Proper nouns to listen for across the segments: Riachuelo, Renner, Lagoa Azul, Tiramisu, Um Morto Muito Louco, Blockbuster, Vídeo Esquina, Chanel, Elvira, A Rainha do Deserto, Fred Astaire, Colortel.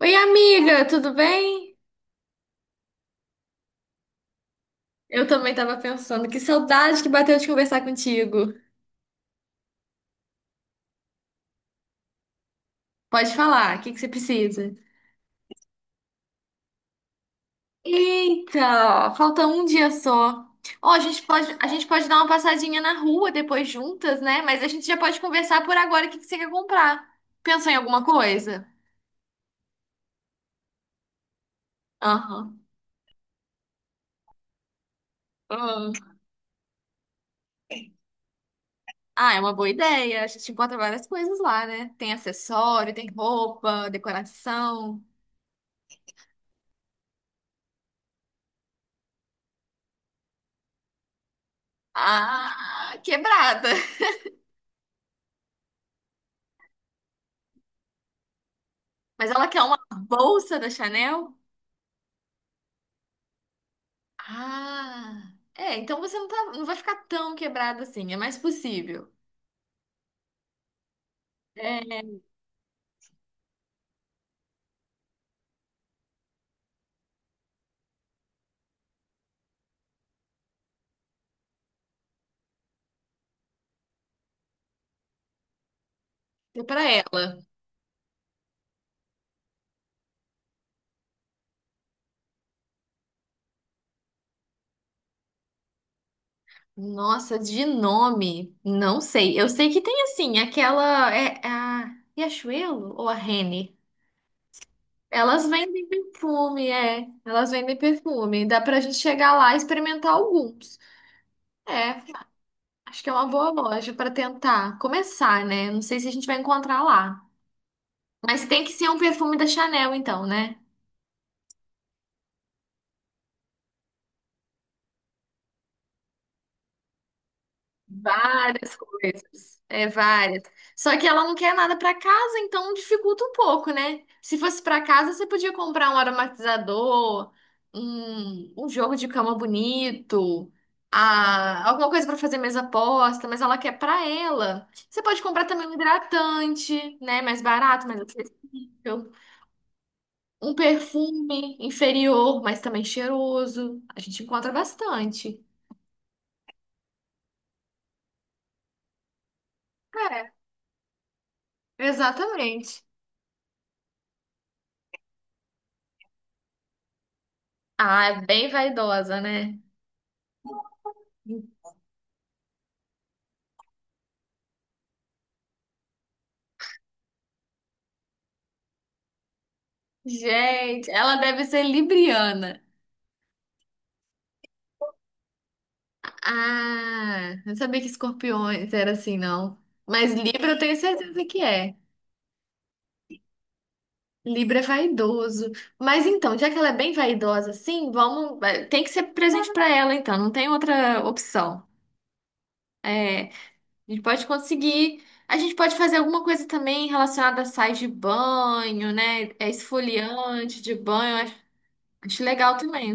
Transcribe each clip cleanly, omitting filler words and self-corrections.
Oi, amiga, tudo bem? Eu também tava pensando, que saudade que bateu de conversar contigo. Pode falar, o que que você precisa? Eita, falta um dia só. Ó, a gente pode dar uma passadinha na rua depois juntas, né? Mas a gente já pode conversar por agora o que que você quer comprar. Pensou em alguma coisa? Aham. Hum. Ah, é uma boa ideia. A gente encontra várias coisas lá, né? Tem acessório, tem roupa, decoração. Ah, quebrada. Mas ela quer uma bolsa da Chanel? Ah, é, então você não, tá, não vai ficar tão quebrada assim, é mais possível. É, é pra ela. Nossa, de nome, não sei. Eu sei que tem assim, aquela é a Riachuelo ou a Renner? Elas vendem perfume, é. Elas vendem perfume. Dá pra gente chegar lá e experimentar alguns. É, acho que é uma boa loja pra tentar começar, né? Não sei se a gente vai encontrar lá. Mas tem que ser um perfume da Chanel, então, né? Várias coisas. É, várias. Só que ela não quer nada pra casa, então dificulta um pouco, né? Se fosse pra casa, você podia comprar um aromatizador, um jogo de cama bonito, a, alguma coisa pra fazer mesa posta, mas ela quer pra ela. Você pode comprar também um hidratante, né? Mais barato, mais acessível. Um perfume inferior, mas também cheiroso. A gente encontra bastante. É, exatamente. Ah, é bem vaidosa, né? Gente, ela deve ser libriana. Ah, não sabia que escorpiões era assim, não. Mas Libra eu tenho certeza que é. Libra é vaidoso. Mas então, já que ela é bem vaidosa assim, Tem que ser presente pra ela, então, não tem outra opção. É, a gente pode conseguir. A gente pode fazer alguma coisa também relacionada a sais de banho, né? É esfoliante de banho. Acho legal também.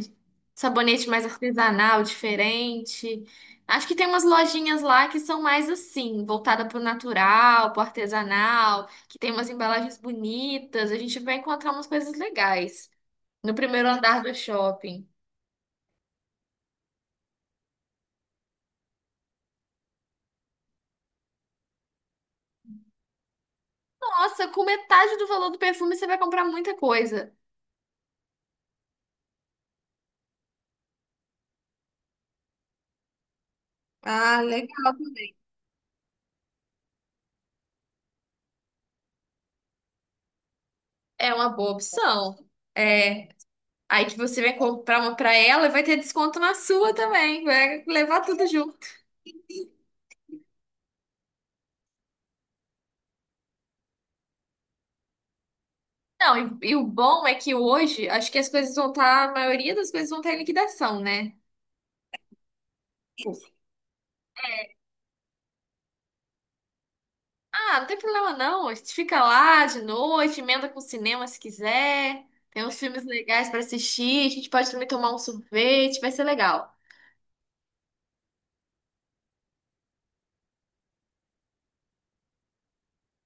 Sabonete mais artesanal, diferente. Acho que tem umas lojinhas lá que são mais assim, voltada pro natural, pro artesanal, que tem umas embalagens bonitas. A gente vai encontrar umas coisas legais no primeiro andar do shopping. Nossa, com metade do valor do perfume você vai comprar muita coisa. Ah, legal. É uma boa opção. É, aí que você vai comprar uma pra ela e vai ter desconto na sua também. Vai levar tudo junto. Não, e o bom é que hoje, acho que as coisas vão estar, a maioria das coisas vão estar em liquidação, né? Tipo, ah, não tem problema não, a gente fica lá de noite, emenda com o cinema se quiser, tem uns filmes legais pra assistir, a gente pode também tomar um sorvete, vai ser legal.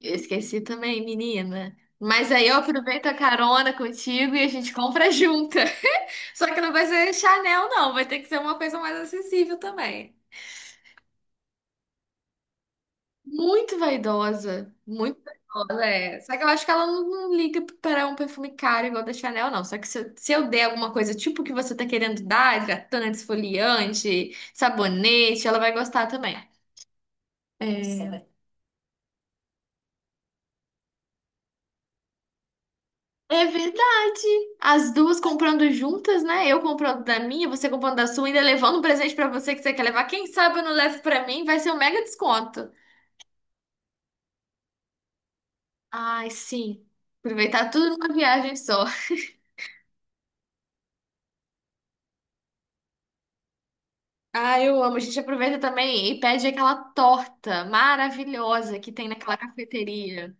Eu esqueci também, menina. Mas aí eu aproveito a carona contigo e a gente compra junta. Só que não vai ser Chanel, não, vai ter que ser uma coisa mais acessível também. Muito vaidosa, é. Só que eu acho que ela não liga para um perfume caro igual da Chanel, não. Só que se, eu se eu der alguma coisa tipo que você tá querendo dar, hidratante, esfoliante, sabonete, ela vai gostar também. É, é verdade. As duas comprando juntas, né? Eu comprando da minha, você comprando da sua, ainda levando um presente pra você que você quer levar. Quem sabe eu não levo pra mim, vai ser um mega desconto. Ai, sim. Aproveitar tudo numa viagem só. Ah, eu amo. A gente aproveita também e pede aquela torta maravilhosa que tem naquela cafeteria.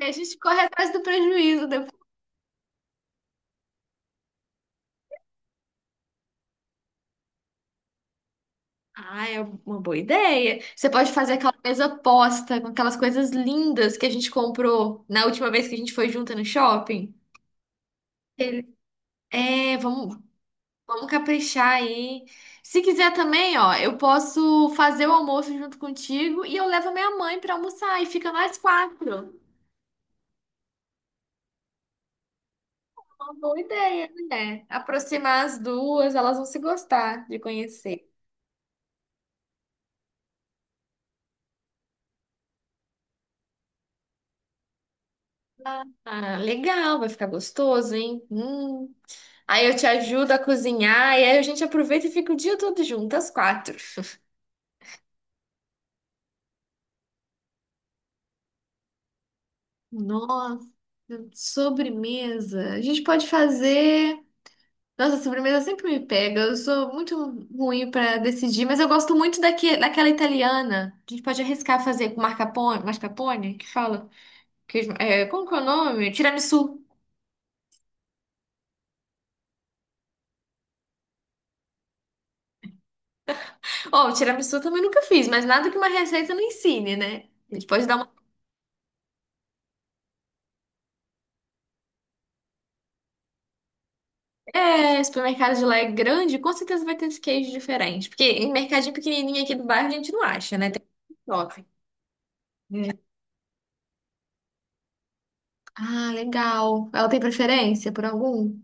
É, a gente corre atrás do prejuízo depois. Ah, é uma boa ideia. Você pode fazer aquela mesa posta com aquelas coisas lindas que a gente comprou na última vez que a gente foi junta no shopping. Ele- É, vamos caprichar aí. Se quiser também, ó, eu posso fazer o almoço junto contigo e eu levo a minha mãe pra almoçar e fica nós quatro. Uma boa ideia, né? Aproximar as duas, elas vão se gostar de conhecer. Ah, legal, vai ficar gostoso, hein? Hum. Aí eu te ajudo a cozinhar e aí a gente aproveita e fica o dia todo junto, às quatro. Nossa, sobremesa. A gente pode fazer. Nossa, sobremesa sempre me pega. Eu sou muito ruim para decidir, mas eu gosto muito daquela italiana. A gente pode arriscar fazer com mascarpone, que fala? Como que é o nome? Tiramisu. Ó, o tiramisu eu também nunca fiz, mas nada que uma receita não ensine, né? A gente pode dar uma. É, supermercado de lá é grande, com certeza vai ter esse queijo diferente. Porque em mercadinho pequenininho aqui do bairro a gente não acha, né? Tem shopping. Hum. Ah, legal. Ela tem preferência por algum?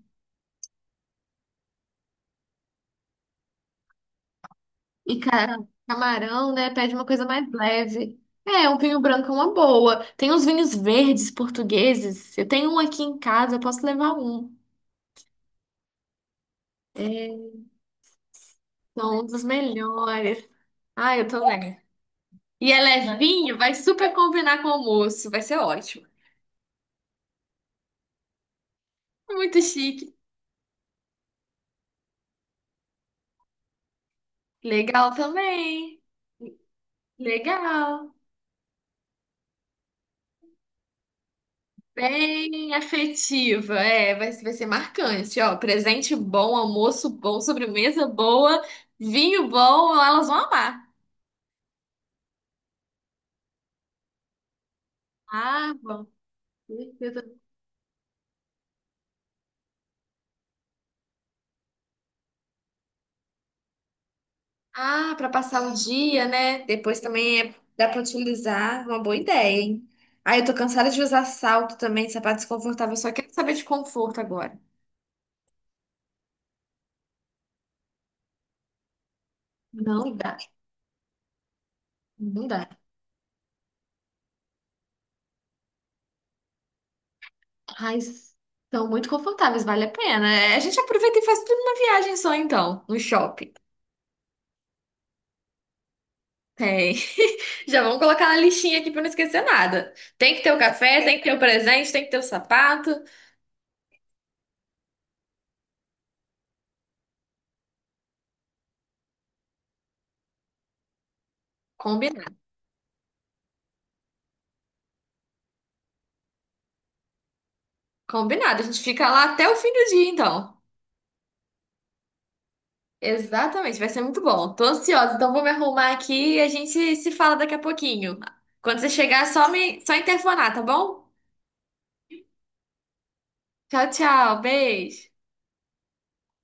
E cara, camarão, né? Pede uma coisa mais leve. É, um vinho branco é uma boa. Tem uns vinhos verdes portugueses. Eu tenho um aqui em casa, eu posso levar um. São um dos melhores. Ah, eu tô vendo. E é levinho, vai super combinar com o almoço. Vai ser ótimo. Muito chique. Legal também. Legal. Bem afetiva. É, vai ser marcante. Ó, presente bom, almoço bom, sobremesa boa, vinho bom, elas vão amar. Ah, bom. Certeza. Ah, para passar o dia, né? Depois também dá para utilizar. Uma boa ideia, hein? Ah, eu tô cansada de usar salto também, sapato desconfortável. Só quero saber de conforto agora. Não dá. Não dá. Ai, são muito confortáveis, vale a pena. É, a gente aproveita e faz tudo numa viagem só, então, no shopping. Tem. Já vamos colocar na listinha aqui pra não esquecer nada. Tem que ter o café, tem que ter o presente, tem que ter o sapato. Combinado. Combinado. A gente fica lá até o fim do dia, então. Exatamente, vai ser muito bom. Tô ansiosa, então vou me arrumar aqui e a gente se fala daqui a pouquinho. Quando você chegar, só interfonar, tá bom? Tchau, tchau. Beijo.